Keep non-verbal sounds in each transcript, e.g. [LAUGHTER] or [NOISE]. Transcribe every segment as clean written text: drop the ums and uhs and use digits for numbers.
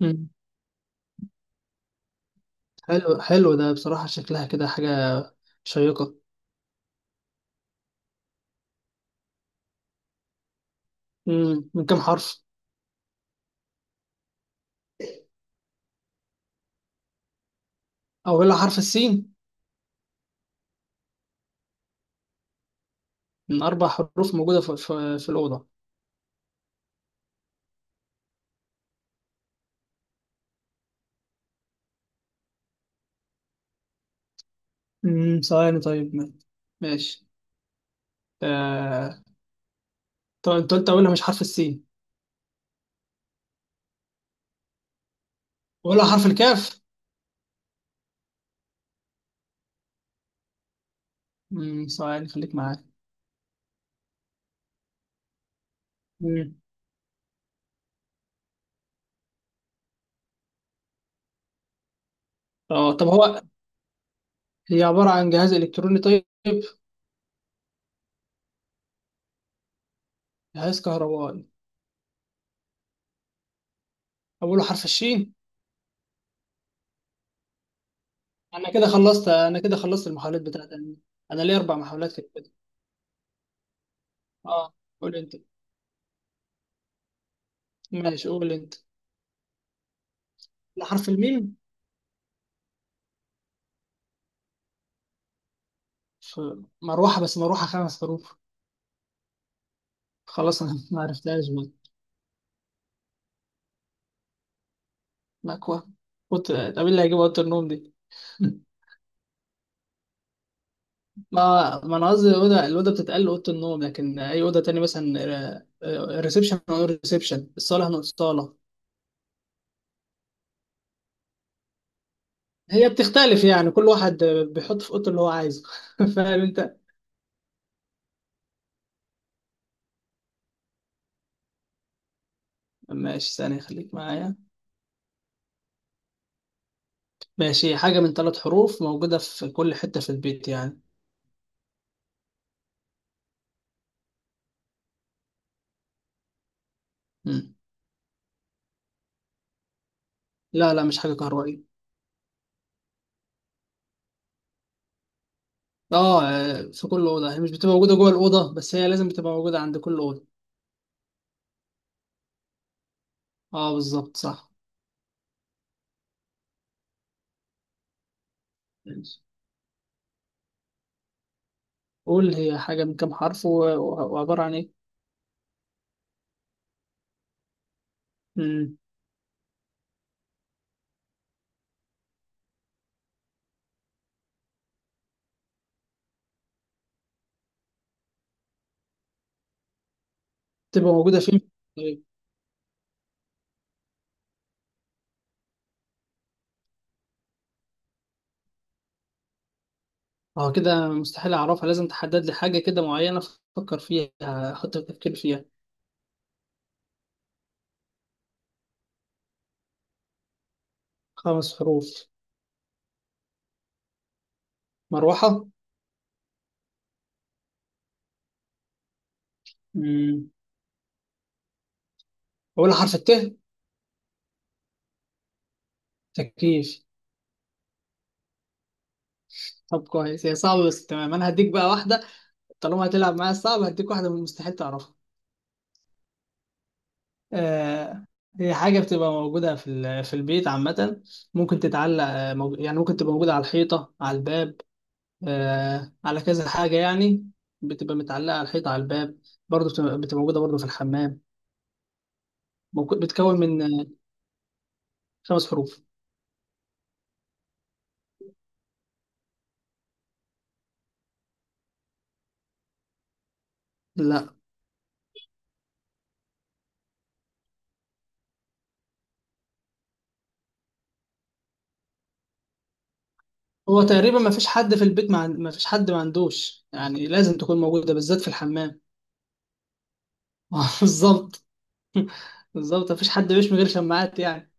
مم. حلو ده بصراحة شكلها كده حاجة شيقة. من كام حرف؟ أولها حرف السين. من أربع حروف موجودة في الأوضة. ثواني، طيب ماشي. آه... طب أنت قلت أولها مش حرف السين. أولها حرف الكاف. ثواني خليك معايا. مم. طب هي عبارة عن جهاز إلكتروني؟ طيب، جهاز كهربائي. أوله حرف الشين. أنا كده خلصت المحاولات بتاعتي. أنا ليا أربع محاولات كده. أه، قول أنت. ماشي، قول أنت. لحرف الميم. في مروحة، بس مروحة خمس حروف. خلاص، أنا [LAUGHS] ما عرفتهاش بقى. مكوة. قلت طب إيه اللي هيجيب أوضة النوم دي؟ [LAUGHS] ما ما أنا قصدي الأوضة، الأوضة بتتقال أوضة النوم، لكن أي أوضة تانية مثلا ريسبشن نقول ريسبشن، الصالة نقول صالة. هي بتختلف، يعني كل واحد بيحط في أوضته اللي هو عايزه. [LAUGHS] فاهم أنت؟ ماشي، ثانية خليك معايا. ماشي، حاجة من ثلاث حروف موجودة في كل حتة في البيت يعني. مم. لا لا، مش حاجة كهربائية. اه آه، في كل اوضه. هي مش بتبقى موجوده جوه الاوضه، بس هي لازم بتبقى موجوده عند كل اوضه. اه بالظبط، صح. ماشي. قول، هي حاجه من كام حرف وعباره عن ايه؟ امم، تبقى موجوده فين؟ طيب. اه كده مستحيل اعرفها، لازم تحدد لي حاجه كده معينه افكر فيها، احط تفكير فيها. خمس حروف. مروحه. امم، اول حرف الت. تكييف. طب كويس، هي صعبه بس تمام. انا هديك بقى واحده، طالما هتلعب معايا صعب، هديك واحده من المستحيل تعرفها. آه، هي حاجة بتبقى موجودة في في البيت عامة، ممكن تتعلق آه، يعني ممكن تبقى موجودة على الحيطة، على الباب، آه، على كذا حاجة يعني. بتبقى متعلقة على الحيطة، على الباب. برضه بتبقى موجودة برضه في الحمام. بتكون من آه، خمس حروف. لا. هو تقريبا ما فيش حد في البيت ما فيش حد ما عندوش، يعني لازم تكون موجودة بالذات في الحمام. [LAUGHS] بالظبط. بالظبط، ما فيش حد بيش من غير شماعات يعني.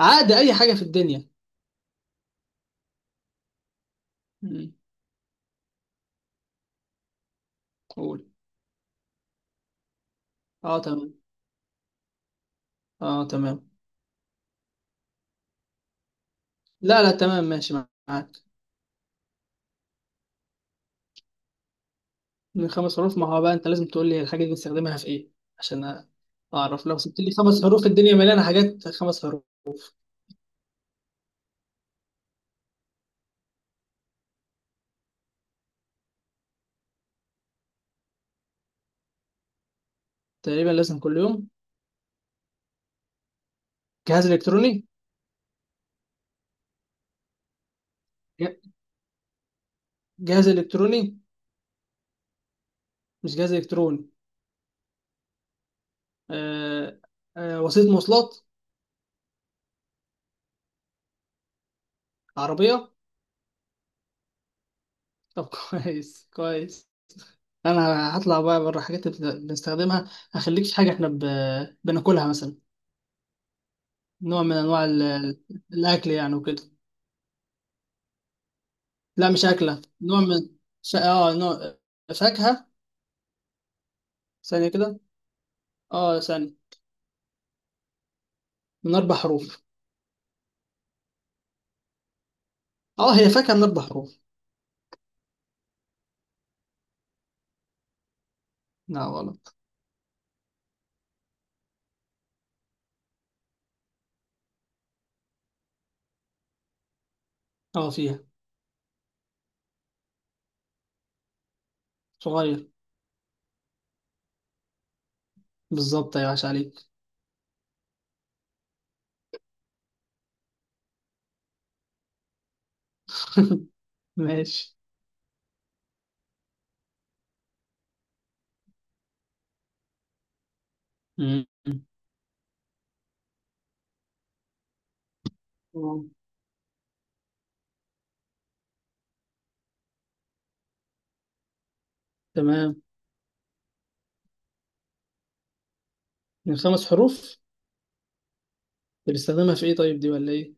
عادي، أي حاجة في الدنيا. م. قول. اه تمام، اه تمام. لا لا تمام، ماشي، معاك. من خمس حروف. ما هو بقى انت لازم تقول لي الحاجة دي بنستخدمها في ايه عشان اعرف، لو سبت لي خمس حروف الدنيا مليانة حاجات خمس حروف. تقريبا لازم كل يوم. جهاز الكتروني. ج- جهاز الكتروني. مش جهاز الكتروني. آه، آه وسيلة مواصلات. عربية. طب [LAUGHS] كويس كويس. انا هطلع بقى بره، حاجات بنستخدمها. هخليك في حاجة احنا ب... بناكلها مثلا، نوع من انواع ال... الاكل يعني وكده. لا مش أكلة، نوع من ش... اه نوع فاكهة. ثانية كده. اه ثانية. من أربع حروف. اه، هي فاكهة من أربع حروف. لا غلط. اه فيها. صغير. بالظبط، يا عاش عليك. [LAUGHS] ماشي. مم. آه، تمام. من خمس حروف. بنستخدمها في ايه طيب، دي ولا ايه؟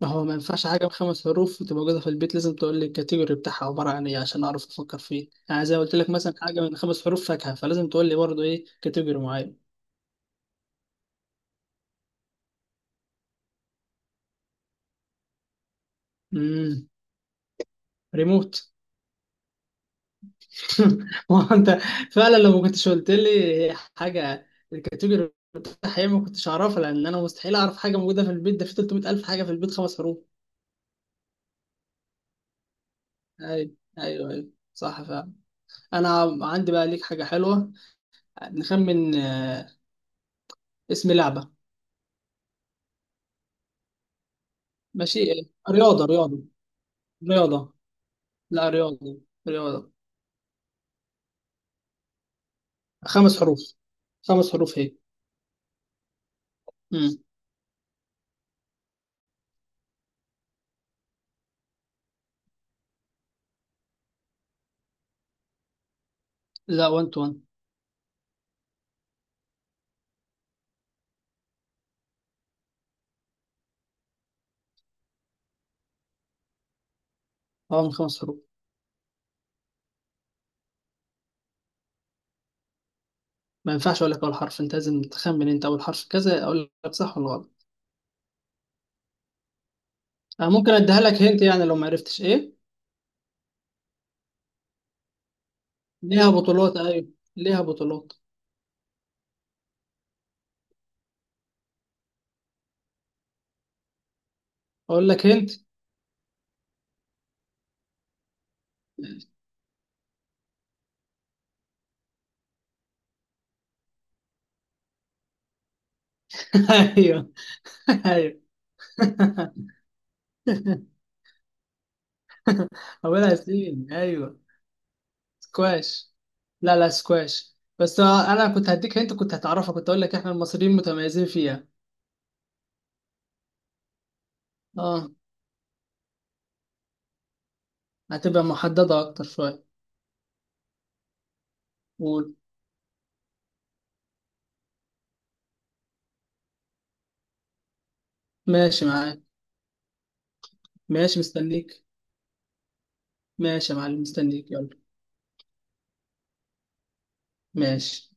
ما هو ما ينفعش حاجة بخمس حروف وتبقى موجودة في البيت، لازم تقول لي الكاتيجوري بتاعها عبارة عن ايه عشان أعرف أفكر فيه، يعني زي ما قلت لك مثلا حاجة من خمس حروف فاكهة، فلازم تقول لي برضه ايه كاتيجوري معين. امم، ريموت. [LAUGHS] ما هو انت فعلا لو ما كنتش قلت لي حاجه الكاتيجوري الحقيقي ما كنتش اعرفها، لان انا مستحيل اعرف حاجه موجوده في البيت، ده في 300 الف حاجه في البيت خمس حروف. ايوه صح فعلا. انا عندي بقى ليك حاجه حلوه، نخمن آه، اسم لعبه. ماشي. رياضه رياضه رياضه. لا، رياضه. رياضه. خمس حروف. خمس حروف هي. امم. لا، 1 تو 1. اه من خمس حروف. ما ينفعش اقول لك اول حرف، انت لازم تخمن، انت اول حرف كذا اقول لك صح ولا غلط. أه ممكن اديها لك هنت يعني لو ما عرفتش ايه. ليها بطولات، ايوه. ليها بطولات. اقول لك هنت. [LAUGHS] ايوه ايوه [LAUGHS] اولها سين، ايوه. سكواش. لا لا سكواش، بس آه، انا كنت هديك هنت، كنت هتعرفها. كنت اقول لك احنا المصريين متميزين فيها. اه، هتبقى محددة اكتر شوية. قول. ماشي معاك. ماشي مستنيك. ماشي يا معلم، مستنيك، يلا. ماشي.